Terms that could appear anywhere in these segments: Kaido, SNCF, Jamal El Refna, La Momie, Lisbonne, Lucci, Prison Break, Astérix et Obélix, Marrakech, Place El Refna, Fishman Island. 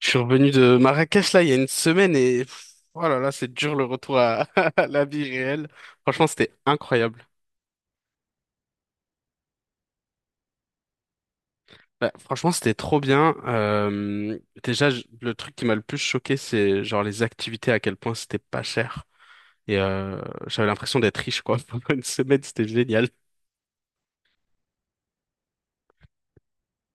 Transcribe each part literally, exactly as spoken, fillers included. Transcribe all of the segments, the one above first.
Je suis revenu de Marrakech là il y a une semaine et pff, oh là là, c'est dur le retour à, à la vie réelle. Franchement, c'était incroyable. Bah, franchement, c'était trop bien. Euh, déjà, je- le truc qui m'a le plus choqué, c'est genre les activités, à quel point c'était pas cher. Et euh, j'avais l'impression d'être riche quoi. Pendant une semaine, c'était génial.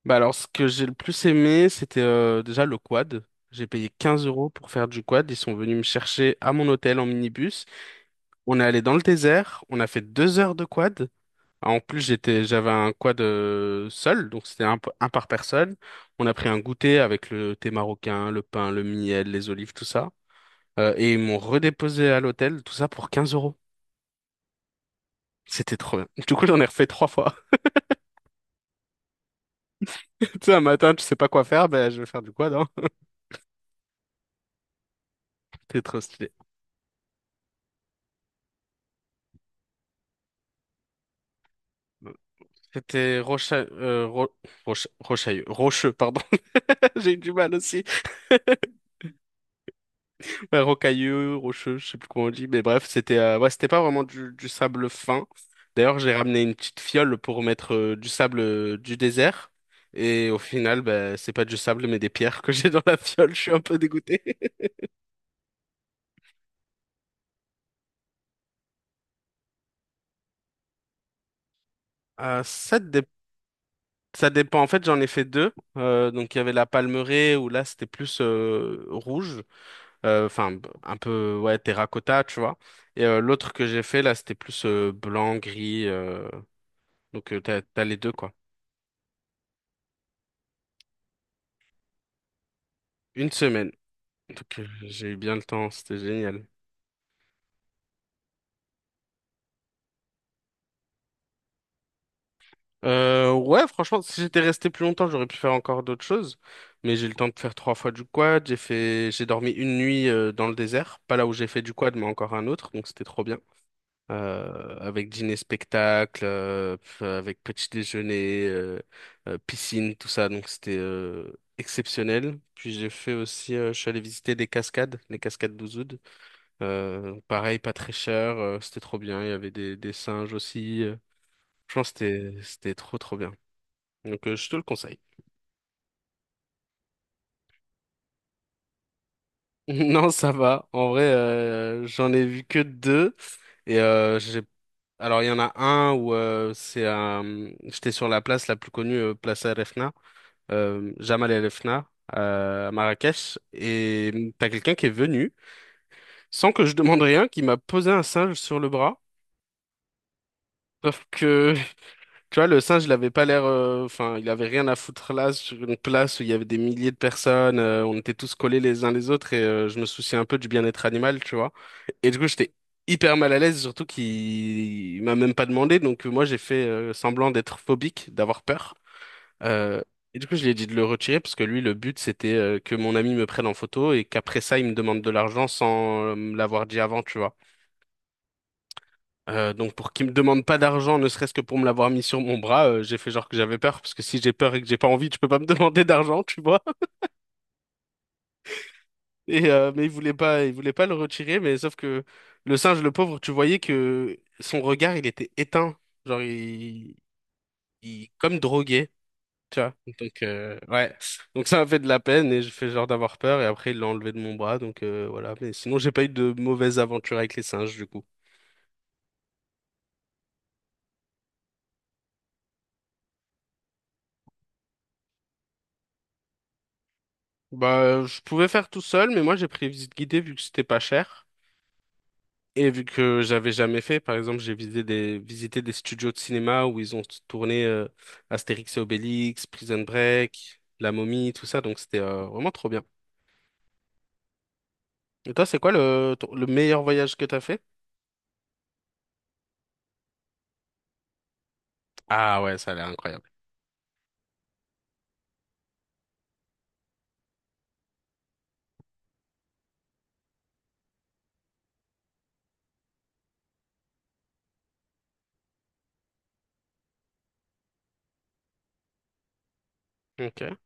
Bah alors, ce que j'ai le plus aimé, c'était euh, déjà le quad. J'ai payé quinze euros pour faire du quad. Ils sont venus me chercher à mon hôtel en minibus. On est allé dans le désert. On a fait deux heures de quad. En plus, j'étais, j'avais un quad euh, seul, donc c'était un, p- un par personne. On a pris un goûter avec le thé marocain, le pain, le miel, les olives, tout ça. Euh, et ils m'ont redéposé à l'hôtel, tout ça pour quinze euros. C'était trop bien. Du coup, j'en ai refait trois fois. Tu sais, un matin, tu sais pas quoi faire, ben je vais faire du quad, hein. C'était trop stylé. C'était Rocha, euh, Ro- Rocha- Rochailleux, Rocheux, pardon. J'ai eu du mal aussi. Ouais, rocailleux, rocheux, je sais plus comment on dit, mais bref, c'était euh, ouais, c'était pas vraiment du, du sable fin. D'ailleurs, j'ai ramené une petite fiole pour mettre euh, du sable euh, du désert. Et au final, bah, c'est pas du sable, mais des pierres que j'ai dans la fiole. Je suis un peu dégoûté. Euh, ça, dé- ça dépend. En fait, j'en ai fait deux. Euh, donc, il y avait la palmeraie où là, c'était plus euh, rouge. Euh, Enfin, b- un peu, ouais, terracotta, tu vois. Et euh, l'autre que j'ai fait, là, c'était plus euh, blanc, gris. euh, Donc, euh, t'as, t'as les deux, quoi. Une semaine. Donc, euh, j'ai eu bien le temps, c'était génial. Euh, ouais, franchement, si j'étais resté plus longtemps, j'aurais pu faire encore d'autres choses. Mais j'ai eu le temps de faire trois fois du quad. J'ai fait, j'ai dormi une nuit euh, dans le désert, pas là où j'ai fait du quad, mais encore un autre. Donc c'était trop bien. Euh, avec dîner spectacle, euh, pf, avec petit déjeuner, euh, euh, piscine, tout ça. Donc c'était euh, exceptionnel. Puis j'ai fait aussi, euh, je suis allé visiter des cascades, les cascades d'Ouzoud. Euh, pareil, pas très cher, euh, c'était trop bien. Il y avait des, des singes aussi. euh, Je pense que c'était, c'était trop, trop bien. Donc, euh, je te le conseille. Non, ça va. En vrai, euh, j'en ai vu que deux. Et euh, j'ai... Alors, il y en a un où euh, c'est un... J'étais sur la place la plus connue, euh, Place El Refna, euh, Jamal El Refna, euh, à Marrakech. Et mm, t'as quelqu'un qui est venu, sans que je demande rien, qui m'a posé un singe sur le bras. Sauf que, Tu vois, le singe, il avait pas l'air, euh, enfin, il avait rien à foutre là, sur une place où il y avait des milliers de personnes, euh, on était tous collés les uns les autres et euh, je me souciais un peu du bien-être animal, tu vois. Et du coup, j'étais hyper mal à l'aise, surtout qu'il il m'a même pas demandé, donc euh, moi, j'ai fait euh, semblant d'être phobique, d'avoir peur. Euh, et du coup, je lui ai dit de le retirer parce que lui, le but, c'était euh, que mon ami me prenne en photo et qu'après ça, il me demande de l'argent sans euh, me l'avoir dit avant, tu vois. Euh, donc pour qu'il me demande pas d'argent, ne serait-ce que pour me l'avoir mis sur mon bras, euh, j'ai fait genre que j'avais peur, parce que si j'ai peur et que j'ai pas envie, tu peux pas me demander d'argent, tu vois. Et euh, mais il voulait pas, il voulait pas le retirer, mais sauf que le singe, le pauvre, tu voyais que son regard, il était éteint, genre il, il comme drogué, tu vois. Donc euh, ouais, donc ça m'a fait de la peine et je fais genre d'avoir peur et après il l'a enlevé de mon bras, donc euh, voilà. Mais sinon j'ai pas eu de mauvaise aventure avec les singes du coup. Bah, euh, je pouvais faire tout seul, mais moi j'ai pris visite guidée vu que c'était pas cher. Et vu que j'avais jamais fait, par exemple, j'ai visité des, visité des studios de cinéma où ils ont tourné euh, Astérix et Obélix, Prison Break, La Momie, tout ça, donc c'était euh, vraiment trop bien. Et toi, c'est quoi le, ton- le meilleur voyage que t'as fait? Ah ouais, ça a l'air incroyable. Ok.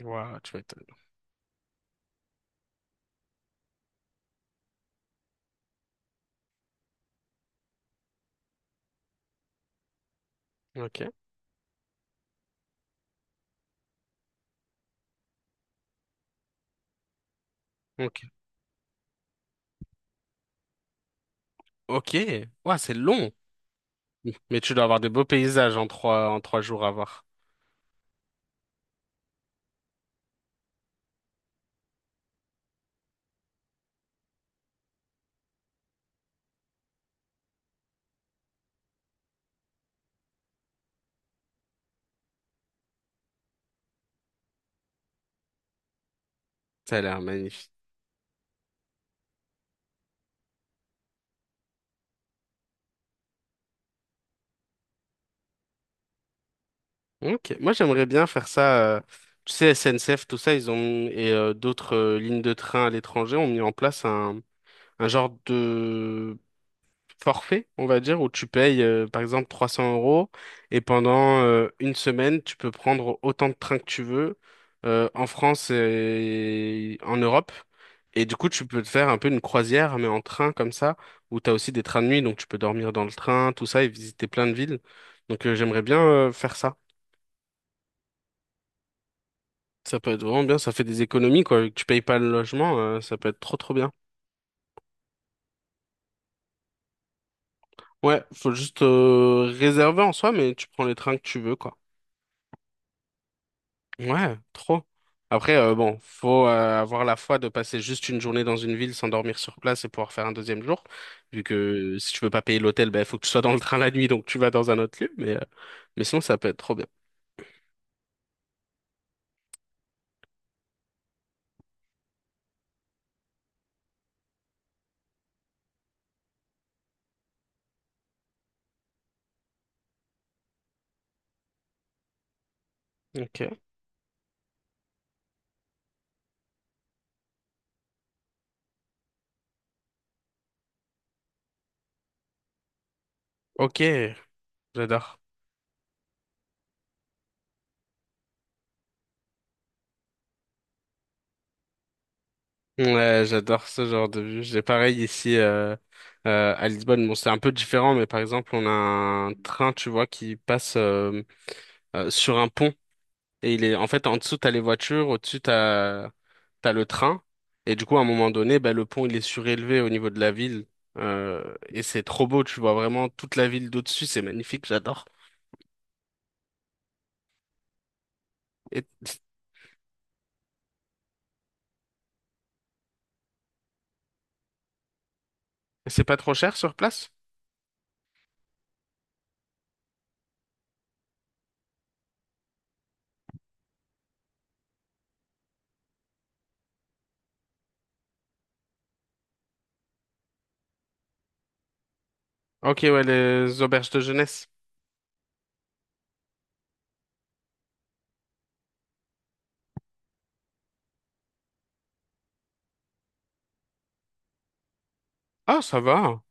Wow, tu m'étonnes. Ok. Ok. Ok. Ouah, c'est long. Mais tu dois avoir des beaux paysages en trois, en trois jours à voir. Ça a l'air magnifique. Ok, moi j'aimerais bien faire ça. euh, tu sais, S N C F, tout ça, ils ont mis- et euh, d'autres euh, lignes de train à l'étranger ont mis en place un, un genre de forfait, on va dire, où tu payes euh, par exemple trois cents euros et pendant euh, une semaine, tu peux prendre autant de trains que tu veux euh, en France et en Europe. Et du coup, tu peux te faire un peu une croisière, mais en train comme ça, où tu as aussi des trains de nuit, donc tu peux dormir dans le train, tout ça, et visiter plein de villes. Donc euh, j'aimerais bien euh, faire ça. Ça peut être vraiment bien, ça fait des économies, quoi. vu Que tu payes pas le logement, euh, ça peut être trop trop bien. Ouais, faut juste euh, réserver en soi, mais tu prends les trains que tu veux, quoi. Ouais, trop. Après, euh, bon, faut euh, avoir la foi de passer juste une journée dans une ville sans dormir sur place et pouvoir faire un deuxième jour. Vu que euh, si tu veux pas payer l'hôtel, ben faut que tu sois dans le train la nuit, donc tu vas dans un autre lieu. Mais, euh, mais sinon, ça peut être trop bien. Ok. Ok, j'adore. Ouais, j'adore ce genre de vue. J'ai pareil ici euh, euh, à Lisbonne. Bon, c'est un peu différent, mais par exemple, on a un train, tu vois, qui passe euh, euh, sur un pont. Et il est en fait en dessous, t'as les voitures, au-dessus, t'as t'as le train. Et du coup, à un moment donné, bah, le pont, il est surélevé au niveau de la ville. Euh, et c'est trop beau, tu vois vraiment toute la ville d'au-dessus, c'est magnifique, j'adore. Et c'est pas trop cher sur place? Ok, ouais, les auberges de jeunesse. Ah, ça va.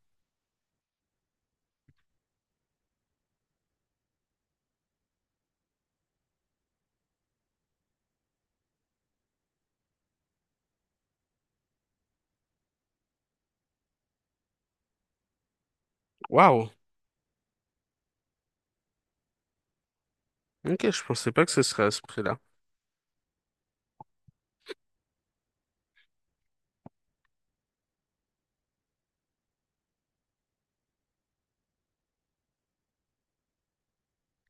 Waouh. Ok, je pensais pas que ce serait à ce prix-là.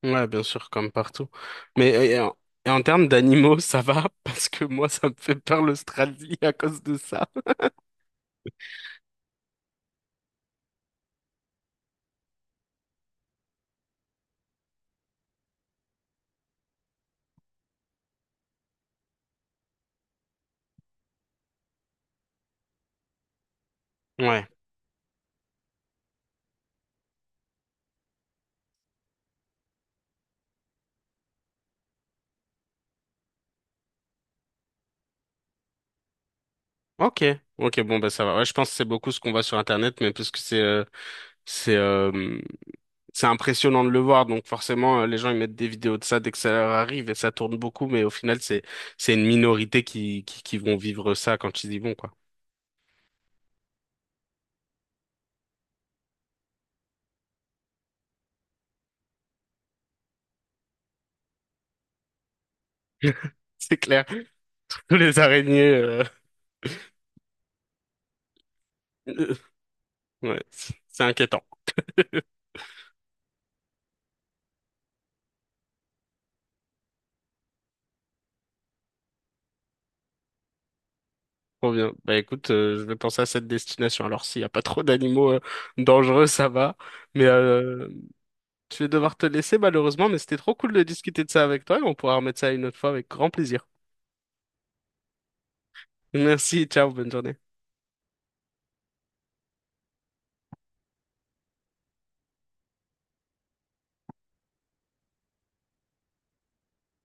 Ouais, bien sûr, comme partout. Mais euh, et en, et en termes d'animaux, ça va parce que moi, ça me fait peur l'Australie à cause de ça. Ouais. Ok. Ok, bon, bah ça va. Ouais, je pense que c'est beaucoup ce qu'on voit sur Internet, mais parce que c'est euh, c'est euh, c'est impressionnant de le voir, donc forcément, euh, les gens ils mettent des vidéos de ça dès que ça leur arrive et ça tourne beaucoup, mais au final, c'est c'est une minorité qui, qui qui vont vivre ça quand ils y vont, quoi. C'est clair. Les araignées, euh, ouais, c'est c'est inquiétant. Trop bien. Bah écoute, euh, je vais penser à cette destination. Alors s'il n'y a pas trop d'animaux euh, dangereux, ça va. Mais euh, je vais devoir te laisser malheureusement, mais c'était trop cool de discuter de ça avec toi et on pourra remettre ça une autre fois avec grand plaisir. Merci, ciao, bonne journée.